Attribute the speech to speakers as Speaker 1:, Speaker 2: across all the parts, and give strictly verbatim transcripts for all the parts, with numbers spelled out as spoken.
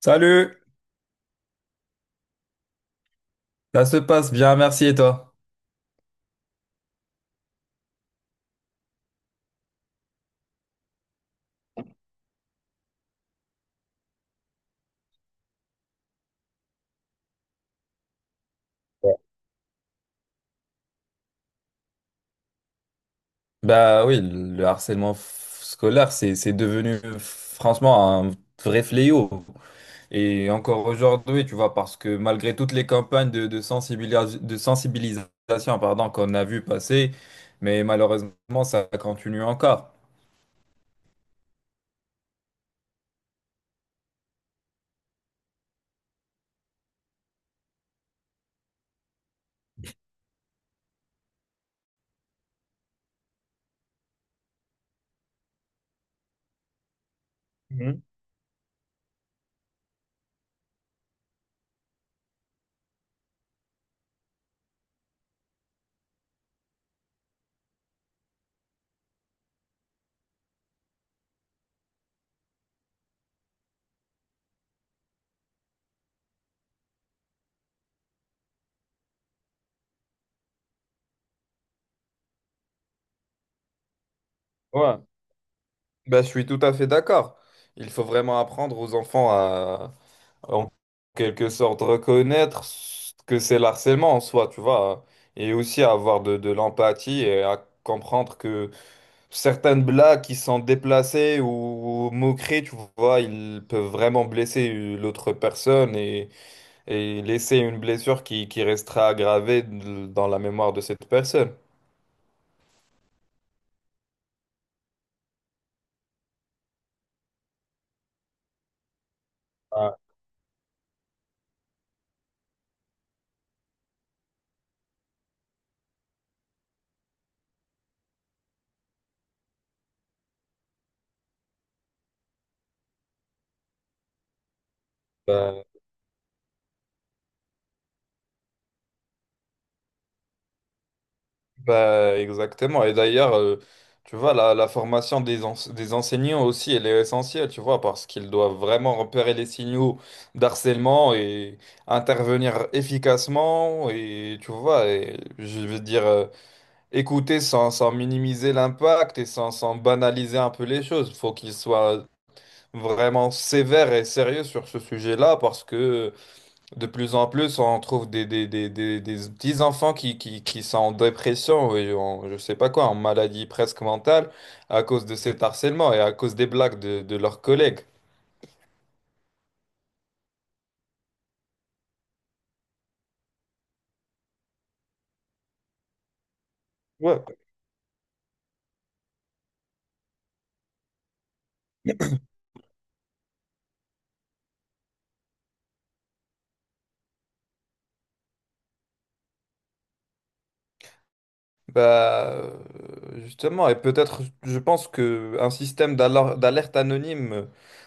Speaker 1: Salut, ça se passe bien, merci et toi? Bah oui, le harcèlement f- scolaire, c'est c'est devenu euh, franchement un vrai fléau. Et encore aujourd'hui, tu vois, parce que malgré toutes les campagnes de, de sensibilis- de sensibilisation, pardon, qu'on a vu passer, mais malheureusement, ça continue encore. Mhm. Ouais, bah, je suis tout à fait d'accord. Il faut vraiment apprendre aux enfants en quelque sorte reconnaître ce que c'est le harcèlement en soi, tu vois, hein. Et aussi avoir de, de l'empathie et à comprendre que certaines blagues qui sont déplacées ou moqueries, tu vois, ils peuvent vraiment blesser l'autre personne et, et laisser une blessure qui, qui restera aggravée dans la mémoire de cette personne. Ouais. bah, Bah, exactement. Et d'ailleurs, euh, tu vois, la, la formation des, ense- des enseignants aussi, elle est essentielle, tu vois, parce qu'ils doivent vraiment repérer les signaux d'harcèlement et intervenir efficacement. Et tu vois, et je veux dire, euh, écouter sans, sans minimiser l'impact et sans, sans banaliser un peu les choses. Il faut qu'ils soient vraiment sévères et sérieux sur ce sujet-là, parce que de plus en plus, on trouve des, des, des, des, des petits enfants qui, qui, qui sont en dépression et en, je sais pas quoi, en maladie presque mentale à cause de cet harcèlement et à cause des blagues de, de leurs collègues. Ouais. Bah, euh, justement, et peut-être, je pense que un système d'alar- d'alerte anonyme, euh,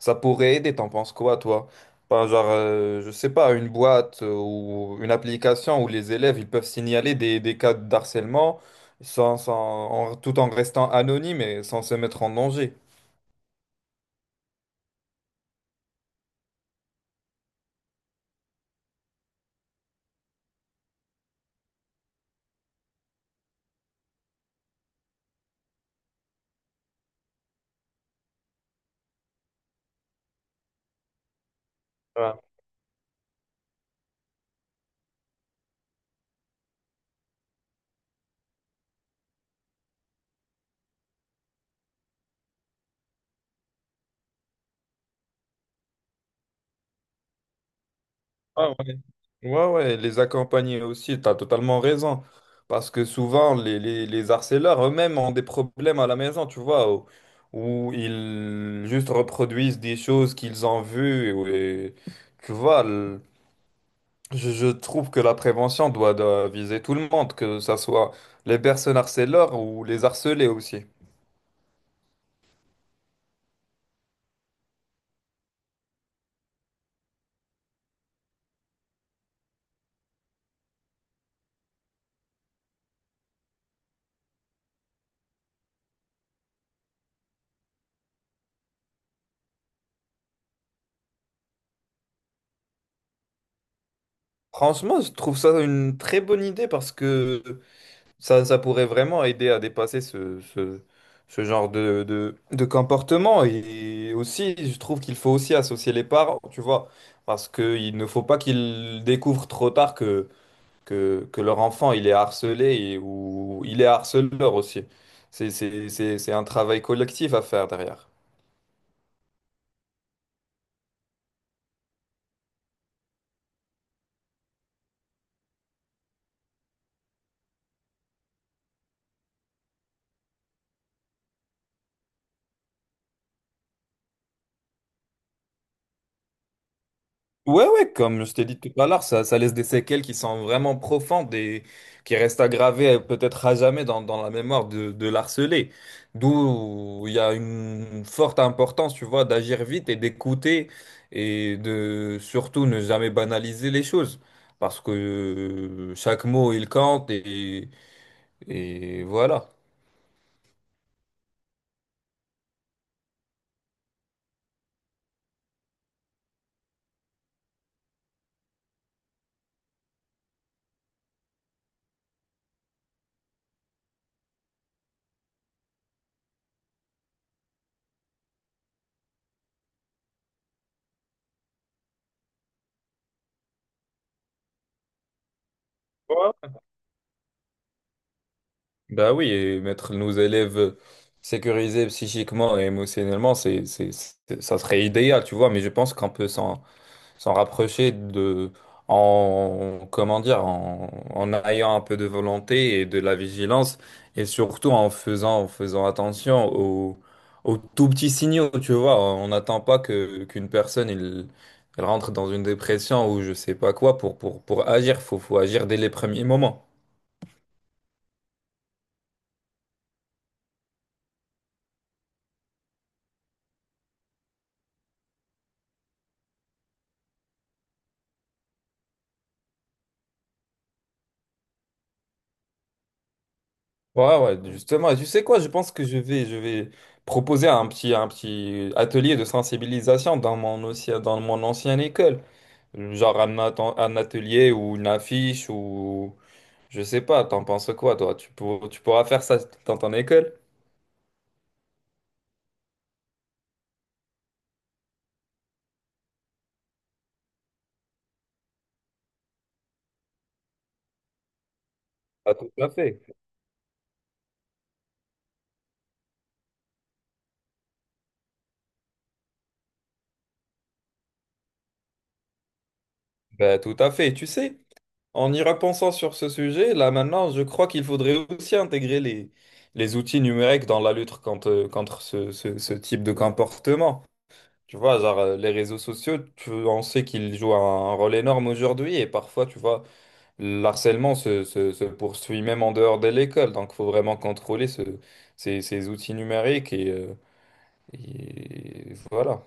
Speaker 1: ça pourrait aider. T'en penses quoi, toi? Enfin, genre, euh, je sais pas, une boîte euh, ou une application où les élèves ils peuvent signaler des, des cas de harcèlement sans, sans- en- tout en restant anonymes et sans se mettre en danger. Ah ouais. Ouais, ouais, les accompagner aussi, tu as totalement raison. Parce que souvent, les, les, les harceleurs eux-mêmes ont des problèmes à la maison, tu vois, où, où ils juste reproduisent des choses qu'ils ont vues. Et, où- et, tu vois, le- je, je trouve que la prévention doit, doit viser tout le monde, que ça soit les personnes harceleurs ou les harcelés aussi. Franchement, je trouve ça une très bonne idée parce que Ça, ça pourrait vraiment aider à dépasser ce, ce, ce genre de, de, de comportement. Et aussi, je trouve qu'il faut aussi associer les parents, tu vois, parce qu'il ne faut pas qu'ils découvrent trop tard que, que, que leur enfant, il est harcelé et- ou il est harceleur aussi. C'est, c'est, c'est, c'est un travail collectif à faire derrière. Ouais, ouais, comme je t'ai dit tout à l'heure, ça, ça laisse des séquelles qui sont vraiment profondes et qui restent aggravées euh, peut-être à jamais dans, dans la mémoire de, de l'harcelé. D'où il y a une forte importance, tu vois, d'agir vite et d'écouter et de surtout ne jamais banaliser les choses. Parce que euh, chaque mot, il compte et, et voilà. Bah oui, et mettre nos élèves euh, sécurisés psychiquement et émotionnellement, c'est, c'est, c'est- ça serait idéal, tu vois, mais je pense qu'on peut s'en, s'en rapprocher de, en, comment dire, en, en ayant un peu de volonté et de la vigilance, et surtout en faisant, en faisant attention aux, aux tout petits signaux, tu vois. On n'attend pas que, qu'une personne, il, elle rentre dans une dépression ou je sais pas quoi pour, pour, pour agir. Faut, faut agir dès les premiers moments. Ouais, ouais, justement. Et tu sais quoi, je pense que je vais, je vais proposer un petit, un petit atelier de sensibilisation dans mon, aussi, dans mon ancienne école. Genre un, atten- un atelier ou une affiche ou je sais pas, t'en penses quoi, toi? Tu pour- tu pourras faire ça dans ton école? Ah, tout à fait. Bah, tout à fait. Tu sais, en y repensant sur ce sujet, là maintenant, je crois qu'il faudrait aussi intégrer les, les outils numériques dans la lutte contre, contre ce, ce ce type de comportement. Tu vois, genre, euh, les réseaux sociaux, tu- on sait qu'ils jouent un, un rôle énorme aujourd'hui et parfois, tu vois, l'harcèlement se, se, se poursuit même en dehors de l'école. Donc, il faut vraiment contrôler ce- ces, ces outils numériques et, euh, et voilà.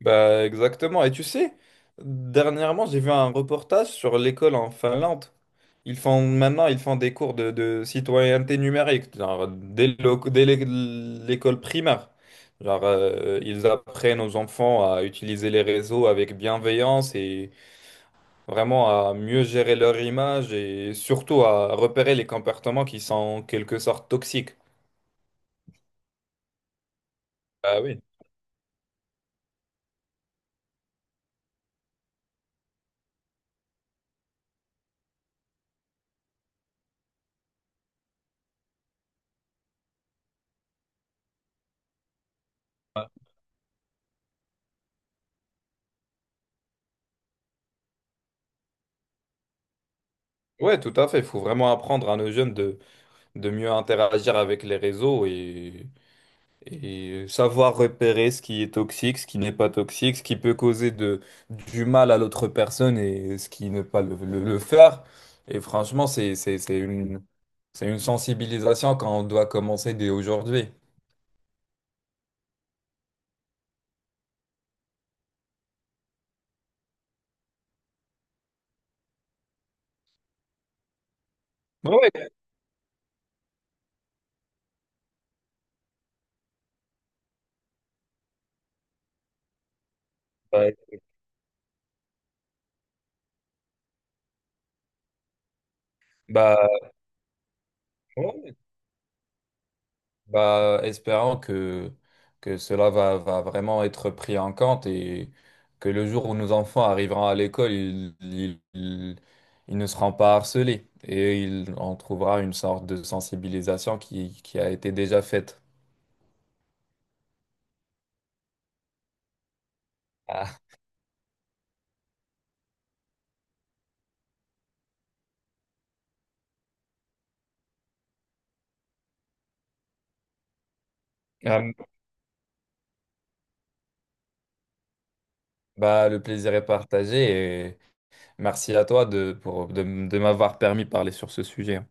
Speaker 1: Bah exactement. Et tu sais, dernièrement, j'ai vu un reportage sur l'école en Finlande. Ils font maintenant, ils font des cours de, de citoyenneté numérique, genre dès le- dès l'é- l'école primaire. Genre, euh, ils apprennent aux enfants à utiliser les réseaux avec bienveillance et vraiment à mieux gérer leur image et surtout à repérer les comportements qui sont en quelque sorte toxiques. Ah oui. Ouais, tout à fait. Il faut vraiment apprendre à nos jeunes de, de mieux interagir avec les réseaux et Et savoir repérer ce qui est toxique, ce qui n'est pas toxique, ce qui peut causer de, du mal à l'autre personne et ce qui ne pas le, le- le faire. Et franchement, c'est, c'est, c'est une, c'est une sensibilisation quand on doit commencer dès aujourd'hui. Ouais, ouais. Ouais. Bah, ouais. Bah, espérant que, que cela va, va vraiment être pris en compte et que le jour où nos enfants arriveront à l'école, ils, ils- ils- ils ne seront pas harcelés et ils, on trouvera une sorte de sensibilisation qui, qui a été déjà faite. Ah. Ah, Bah, le plaisir est partagé et merci à toi de, pour, de de m'avoir permis de parler sur ce sujet.